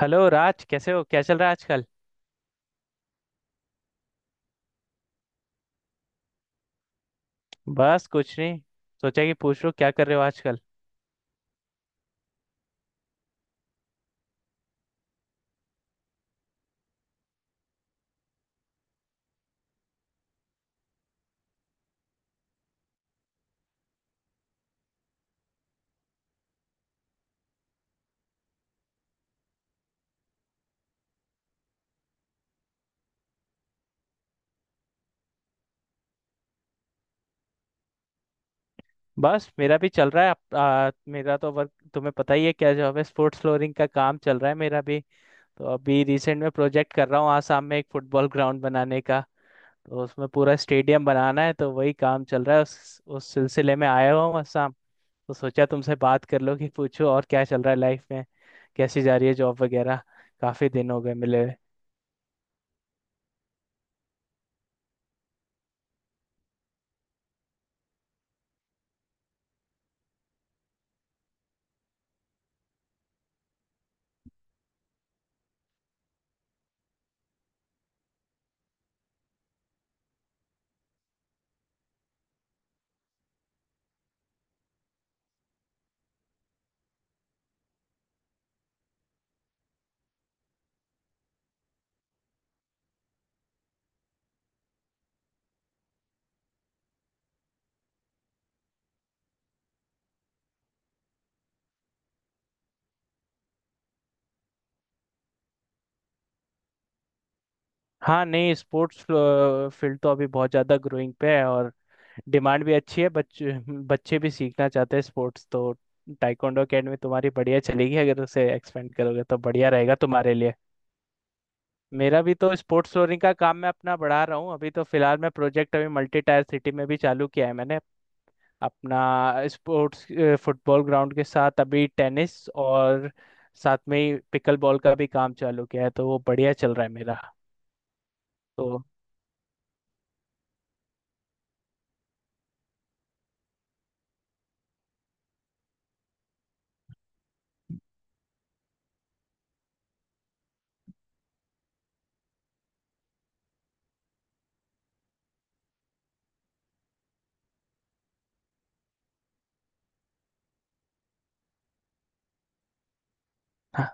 Hello Raj, कैसे हो? क्या चल रहा है आजकल? बस कुछ नहीं, सोचा कि पूछ लो क्या कर रहे हो आजकल। बस मेरा भी चल रहा है। मेरा तो वर्क तुम्हें पता ही है क्या जॉब है। स्पोर्ट्स फ्लोरिंग का काम चल रहा है मेरा भी। तो अभी रिसेंट में प्रोजेक्ट कर रहा हूँ आसाम में, एक फुटबॉल ग्राउंड बनाने का। तो उसमें पूरा स्टेडियम बनाना है, तो वही काम चल रहा है। उस सिलसिले में आया हुआ हूँ आसाम। तो सोचा तुमसे बात कर लो कि पूछो और क्या चल रहा है लाइफ में, कैसी जा रही है जॉब वगैरह। काफी दिन हो गए मिले। हाँ, नहीं, स्पोर्ट्स फील्ड तो अभी बहुत ज़्यादा ग्रोइंग पे है, और डिमांड भी अच्छी है। बच्चे बच्चे भी सीखना चाहते हैं स्पोर्ट्स। तो टाइकोंडो अकेडमी तुम्हारी बढ़िया चलेगी, अगर उसे एक्सपेंड करोगे तो बढ़िया रहेगा तुम्हारे लिए। मेरा भी तो स्पोर्ट्स फ्लोरिंग का काम मैं अपना बढ़ा रहा हूँ। अभी तो फिलहाल मैं प्रोजेक्ट अभी मल्टी टायर सिटी में भी चालू किया है मैंने अपना। स्पोर्ट्स फुटबॉल ग्राउंड के साथ अभी टेनिस, और साथ में ही पिकल बॉल का भी काम चालू किया है, तो वो बढ़िया चल रहा है मेरा। तो हाँ,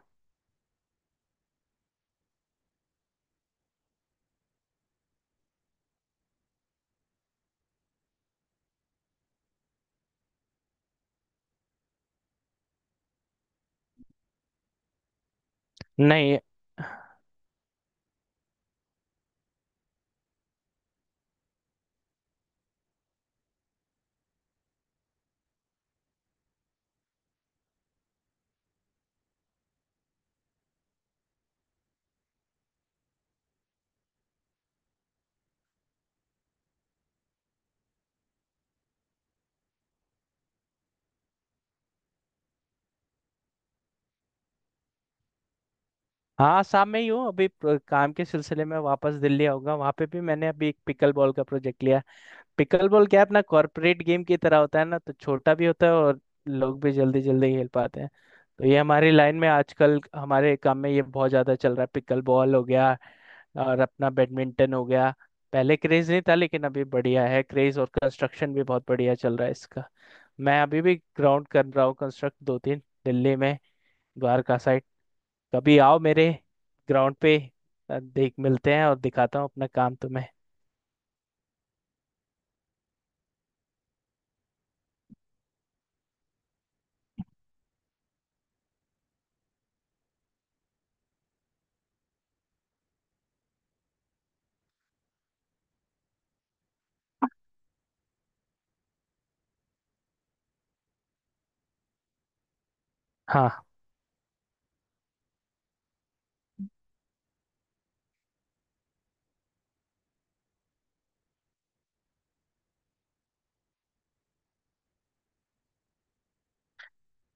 नहीं। हाँ, शाम में ही हूँ अभी। काम के सिलसिले में वापस दिल्ली आऊंगा। वहां पे भी मैंने अभी एक पिकल बॉल का प्रोजेक्ट लिया। पिकल बॉल क्या है, अपना कॉर्पोरेट गेम की तरह होता है ना, तो छोटा भी होता है और लोग भी जल्दी जल्दी खेल पाते हैं। तो ये हमारी लाइन में आजकल हमारे काम में ये बहुत ज्यादा चल रहा है। पिकल बॉल हो गया और अपना बैडमिंटन हो गया। पहले क्रेज नहीं था लेकिन अभी बढ़िया है क्रेज, और कंस्ट्रक्शन भी बहुत बढ़िया चल रहा है इसका। मैं अभी भी ग्राउंड कर रहा हूँ कंस्ट्रक्ट, दो तीन दिल्ली में, द्वारका साइड। कभी आओ मेरे ग्राउंड पे, देख मिलते हैं और दिखाता हूँ अपना काम तुम्हें। हाँ,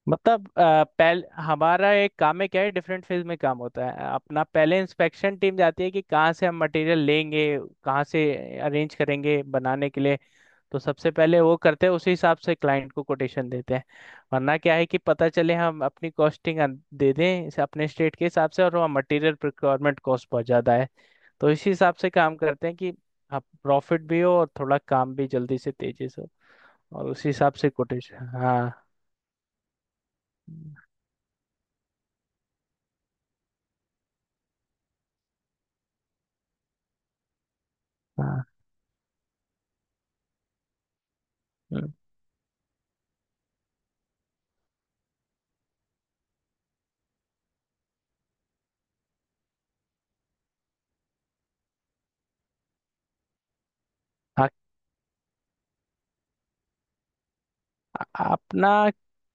मतलब पहले हमारा एक काम में क्या है, डिफरेंट फेज में काम होता है अपना। पहले इंस्पेक्शन टीम जाती है कि कहाँ से हम मटेरियल लेंगे, कहाँ से अरेंज करेंगे बनाने के लिए। तो सबसे पहले वो करते हैं, उसी हिसाब से क्लाइंट को कोटेशन देते हैं। वरना क्या है कि पता चले हम अपनी कॉस्टिंग दे दें इसे अपने स्टेट के हिसाब से, और वहाँ मटेरियल प्रिक्वायरमेंट कॉस्ट बहुत ज़्यादा है। तो इसी हिसाब से काम करते हैं कि आप प्रॉफिट भी हो और थोड़ा काम भी जल्दी से तेजी से हो। और उसी हिसाब से कोटेशन। हाँ। हाँ। हम्म। आ- अपना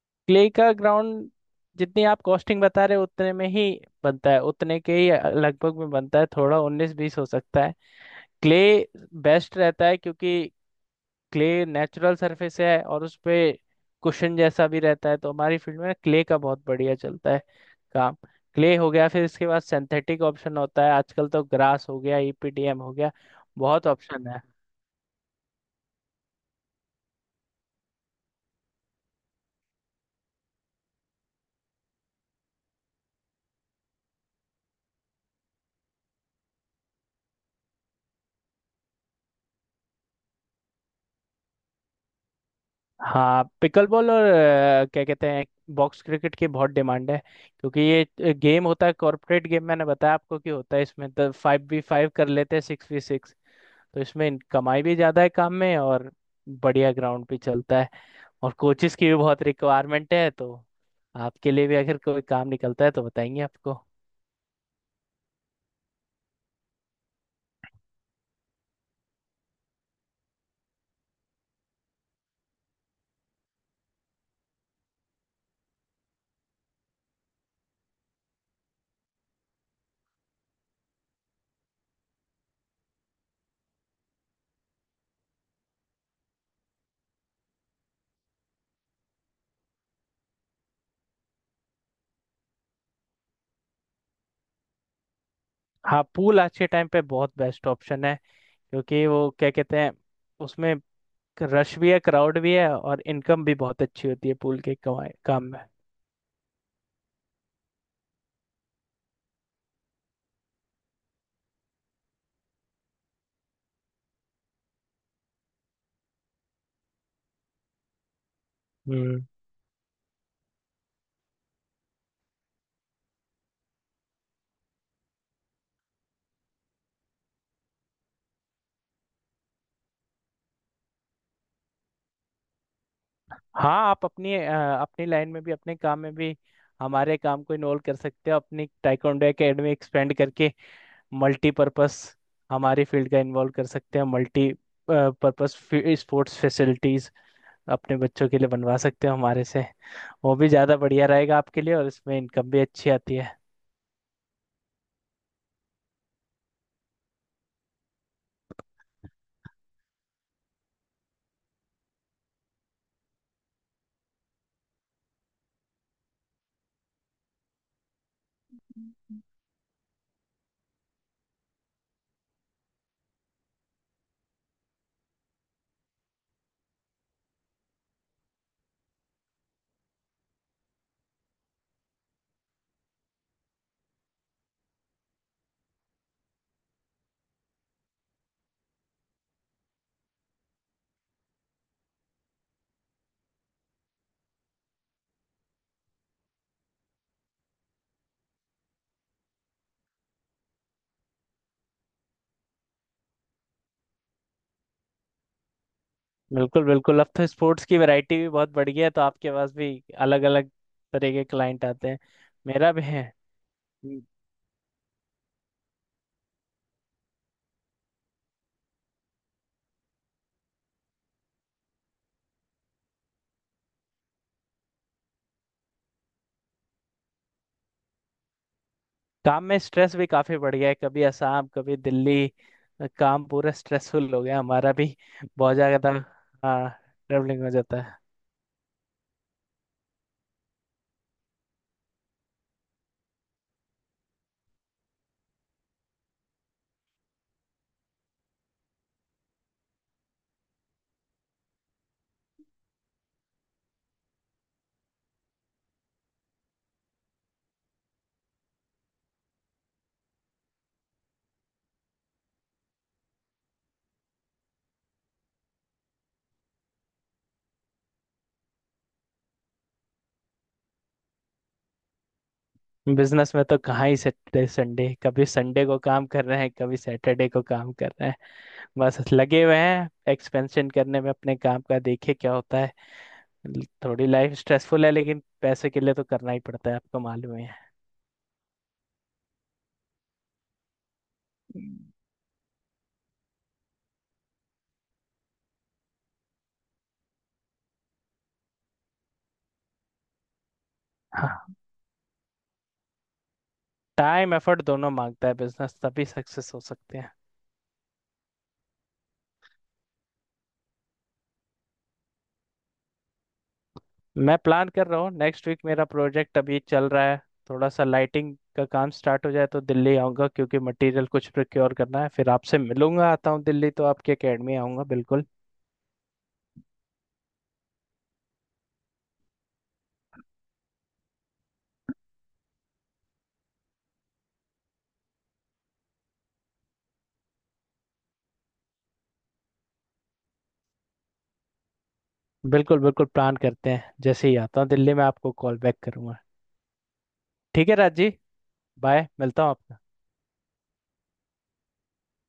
क्ले का ग्राउंड जितनी आप कॉस्टिंग बता रहे हो उतने में ही बनता है, उतने के ही लगभग में बनता है। थोड़ा उन्नीस बीस हो सकता है। क्ले बेस्ट रहता है, क्योंकि क्ले नेचुरल सरफेस है और उस पे कुशन जैसा भी रहता है। तो हमारी फील्ड में क्ले का बहुत बढ़िया चलता है काम। क्ले हो गया, फिर इसके बाद सिंथेटिक ऑप्शन होता है। आजकल तो ग्रास हो गया, ईपीडीएम हो गया, बहुत ऑप्शन है। हाँ, पिकल बॉल और क्या कहते हैं, बॉक्स क्रिकेट की बहुत डिमांड है। क्योंकि ये गेम होता है कॉर्पोरेट गेम, मैंने बताया आपको कि होता है इसमें तो 5 v 5 कर लेते हैं, 6 v 6। तो इसमें कमाई भी ज़्यादा है काम में, और बढ़िया ग्राउंड भी चलता है। और कोचिस की भी बहुत रिक्वायरमेंट है, तो आपके लिए भी अगर कोई काम निकलता है तो बताएंगे आपको। हाँ, पूल आज के टाइम पे बहुत बेस्ट ऑप्शन है। क्योंकि वो क्या कहते हैं, उसमें रश भी है, क्राउड भी है, और इनकम भी बहुत अच्छी होती है पूल के कमाई काम में। हम्म। हाँ, आप अपनी अपनी लाइन में भी, अपने काम में भी, हमारे काम को इन्वॉल्व कर सकते हो। अपनी टाइकोंडो एकेडमी एक्सपेंड करके मल्टीपर्पस हमारी फील्ड का इन्वॉल्व कर सकते हैं। मल्टी पर्पस स्पोर्ट्स फैसिलिटीज अपने बच्चों के लिए बनवा सकते हो हमारे से। वो भी ज़्यादा बढ़िया रहेगा आपके लिए, और इसमें इनकम भी अच्छी आती है। बिल्कुल बिल्कुल। अब तो स्पोर्ट्स की वैरायटी भी बहुत बढ़ गई है, तो आपके पास भी अलग अलग तरह के क्लाइंट आते हैं। मेरा भी है। हम्म। काम में स्ट्रेस भी काफ़ी बढ़ गया है, कभी असम कभी दिल्ली। काम पूरा स्ट्रेसफुल हो गया हमारा भी, बहुत ज़्यादा। हाँ, ट्रेवलिंग हो जाता है। बिजनेस में तो कहाँ ही सैटरडे संडे, कभी संडे को काम कर रहे हैं, कभी सैटरडे को काम कर रहे हैं। बस लगे हुए हैं एक्सपेंशन करने में अपने काम का, देखे क्या होता है। थोड़ी लाइफ स्ट्रेसफुल है लेकिन पैसे के लिए तो करना ही पड़ता है, आपको मालूम ही है। हम्म। हाँ, टाइम एफर्ट दोनों मांगता है बिजनेस, तभी सक्सेस हो सकते हैं। मैं प्लान कर रहा हूँ नेक्स्ट वीक, मेरा प्रोजेक्ट अभी चल रहा है। थोड़ा सा लाइटिंग का काम स्टार्ट हो जाए तो दिल्ली आऊँगा, क्योंकि मटेरियल कुछ प्रोक्योर करना है। फिर आपसे मिलूंगा, आता हूँ दिल्ली तो आपकी अकेडमी आऊँगा बिल्कुल। बिल्कुल बिल्कुल, प्लान करते हैं। जैसे ही आता हूँ दिल्ली मैं आपको कॉल बैक करूँगा। ठीक है राज जी, बाय, मिलता हूँ आपसे।